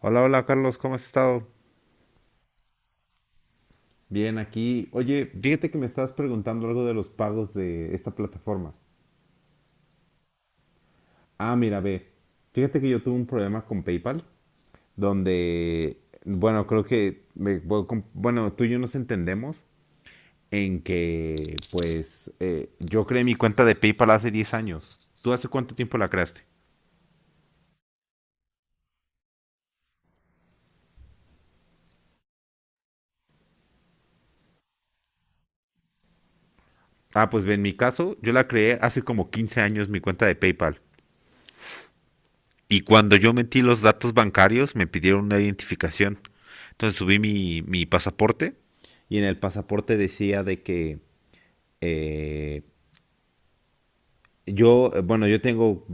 Hola, hola Carlos, ¿cómo has estado? Bien, aquí. Oye, fíjate que me estabas preguntando algo de los pagos de esta plataforma. Ah, mira, ve. Fíjate que yo tuve un problema con PayPal, donde, bueno, creo que, me- bueno, com- bueno, tú y yo nos entendemos en que, pues, yo creé mi cuenta de PayPal hace 10 años. ¿Tú hace cuánto tiempo la creaste? Ah, pues ve, en mi caso, yo la creé hace como 15 años mi cuenta de PayPal. Y cuando yo metí los datos bancarios, me pidieron una identificación. Entonces subí mi pasaporte. Y en el pasaporte decía de que eh, yo, bueno, yo tengo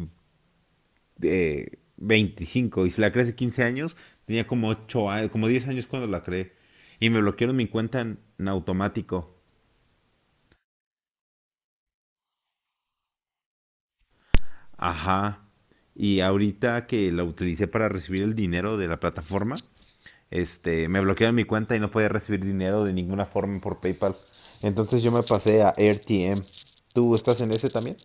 25 y si la creé hace 15 años, tenía como 8 años, como 10 años cuando la creé. Y me bloquearon mi cuenta en automático. Ajá. Y ahorita que la utilicé para recibir el dinero de la plataforma, este, me bloquearon mi cuenta y no podía recibir dinero de ninguna forma por PayPal. Entonces yo me pasé a AirTM. ¿Tú estás en ese también?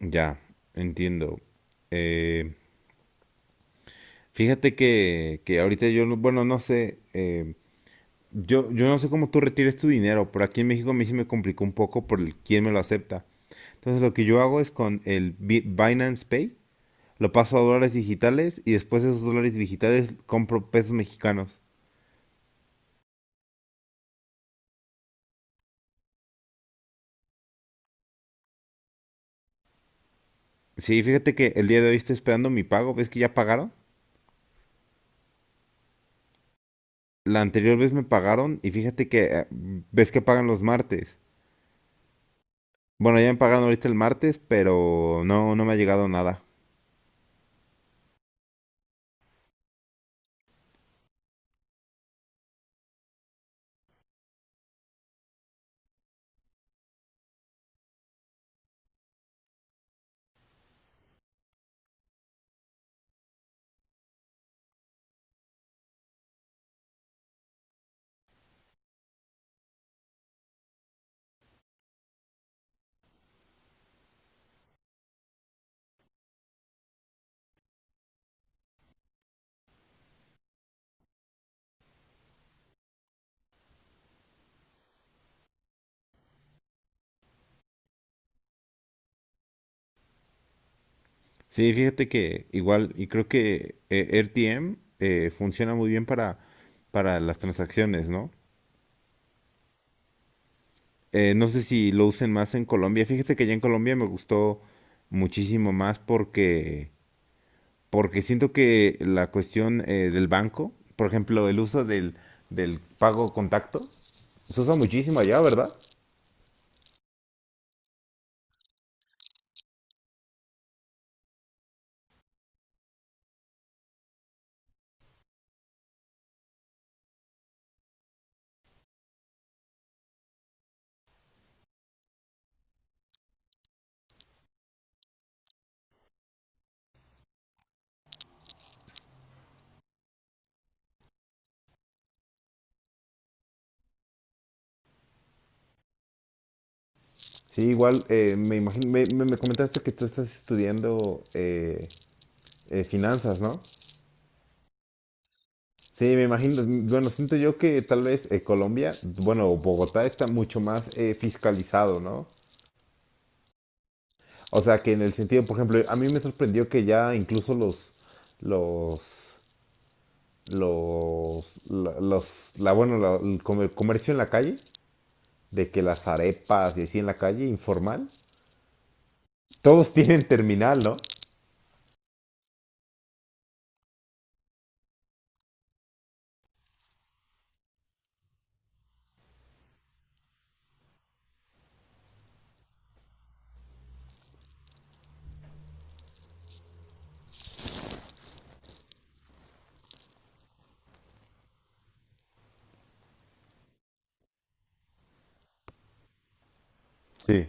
Ya, entiendo. Eh, Fíjate que ahorita yo, yo no sé cómo tú retires tu dinero, pero aquí en México a mí sí me complicó un poco por el, quién me lo acepta. Entonces lo que yo hago es con el Binance Pay, lo paso a dólares digitales y después de esos dólares digitales compro pesos mexicanos. Sí, fíjate que el día de hoy estoy esperando mi pago. ¿Ves que ya pagaron? La anterior vez me pagaron y fíjate que ves que pagan los martes. Bueno, ya me pagaron ahorita el martes, pero no me ha llegado nada. Sí, fíjate que igual, y creo que RTM funciona muy bien para las transacciones, ¿no? No sé si lo usen más en Colombia. Fíjate que ya en Colombia me gustó muchísimo más porque siento que la cuestión del banco, por ejemplo, el uso del pago contacto, se usa muchísimo allá, ¿verdad? Sí, igual me imagino, me comentaste que tú estás estudiando finanzas, ¿no? Sí, me imagino, mm, bueno, siento yo que tal vez Colombia, bueno, Bogotá está mucho más fiscalizado, ¿no? O sea, que en el sentido, por ejemplo, a mí me sorprendió que ya incluso los, los, los la, bueno, la- el comercio en la calle, de que las arepas y así en la calle, informal, todos tienen terminal, ¿no? Sí,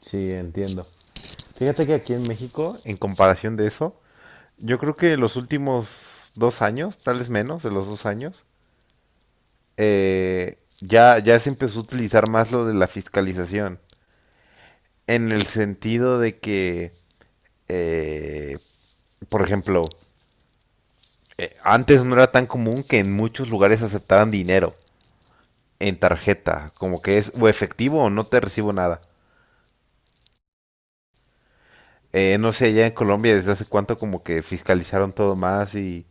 sí, entiendo. Fíjate que aquí en México, en comparación de eso, yo creo que los últimos dos años, tal vez menos de los dos años, ya se empezó a utilizar más lo de la fiscalización. En el sentido de que, eh, por ejemplo, antes no era tan común que en muchos lugares aceptaran dinero en tarjeta, como que es o efectivo o no te recibo nada. No sé, allá en Colombia desde hace cuánto como que fiscalizaron todo más y...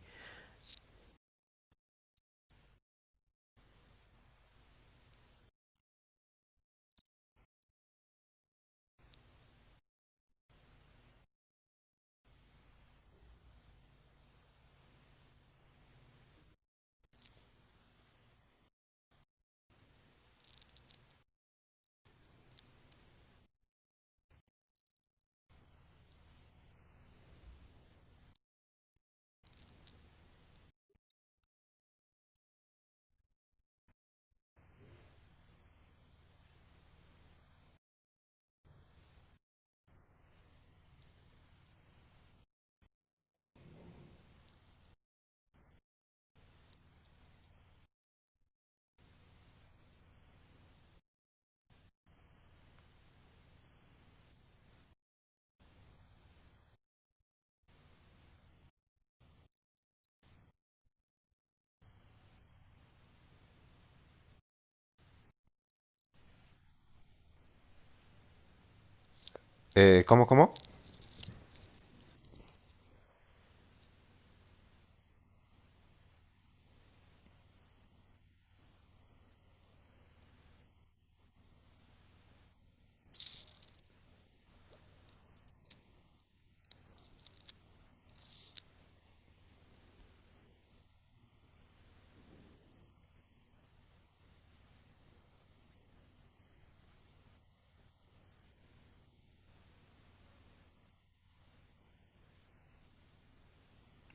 ¿Cómo, cómo?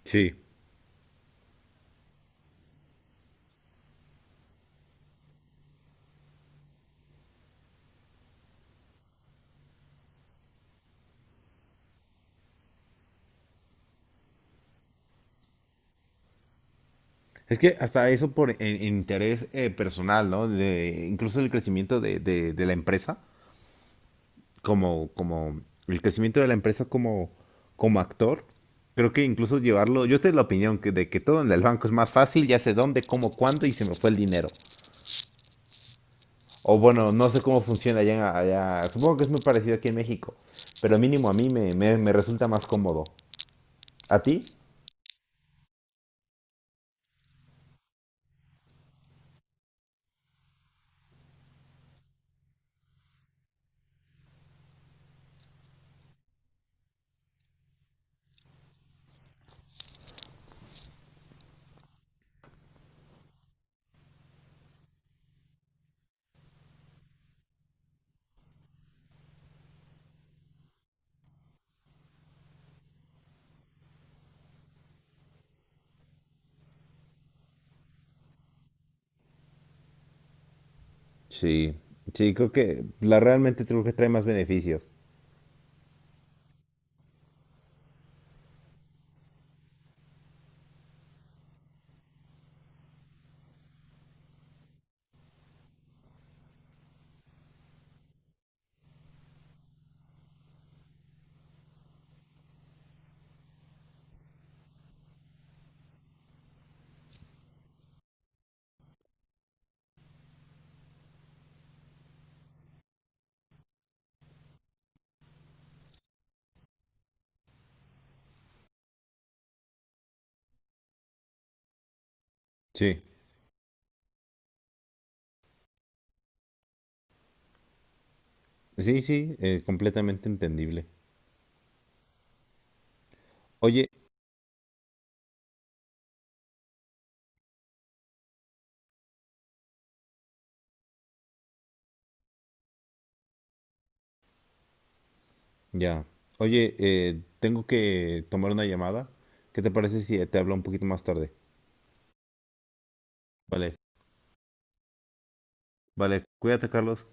Sí. Es que hasta eso interés personal, ¿no? De, incluso el crecimiento de la empresa, como el crecimiento de la empresa como actor, creo que incluso llevarlo, yo estoy de la opinión de que todo en el banco es más fácil, ya sé dónde, cómo, cuándo y se me fue el dinero. O bueno, no sé cómo funciona allá, allá. Supongo que es muy parecido aquí en México, pero mínimo a mí me resulta más cómodo. ¿A ti? Sí, sí, creo que la realmente creo que trae más beneficios. Sí, sí, sí, completamente entendible. Oye, ya, oye, tengo que tomar una llamada. ¿Qué te parece si te hablo un poquito más tarde? Vale, vale, cuídate, Carlos.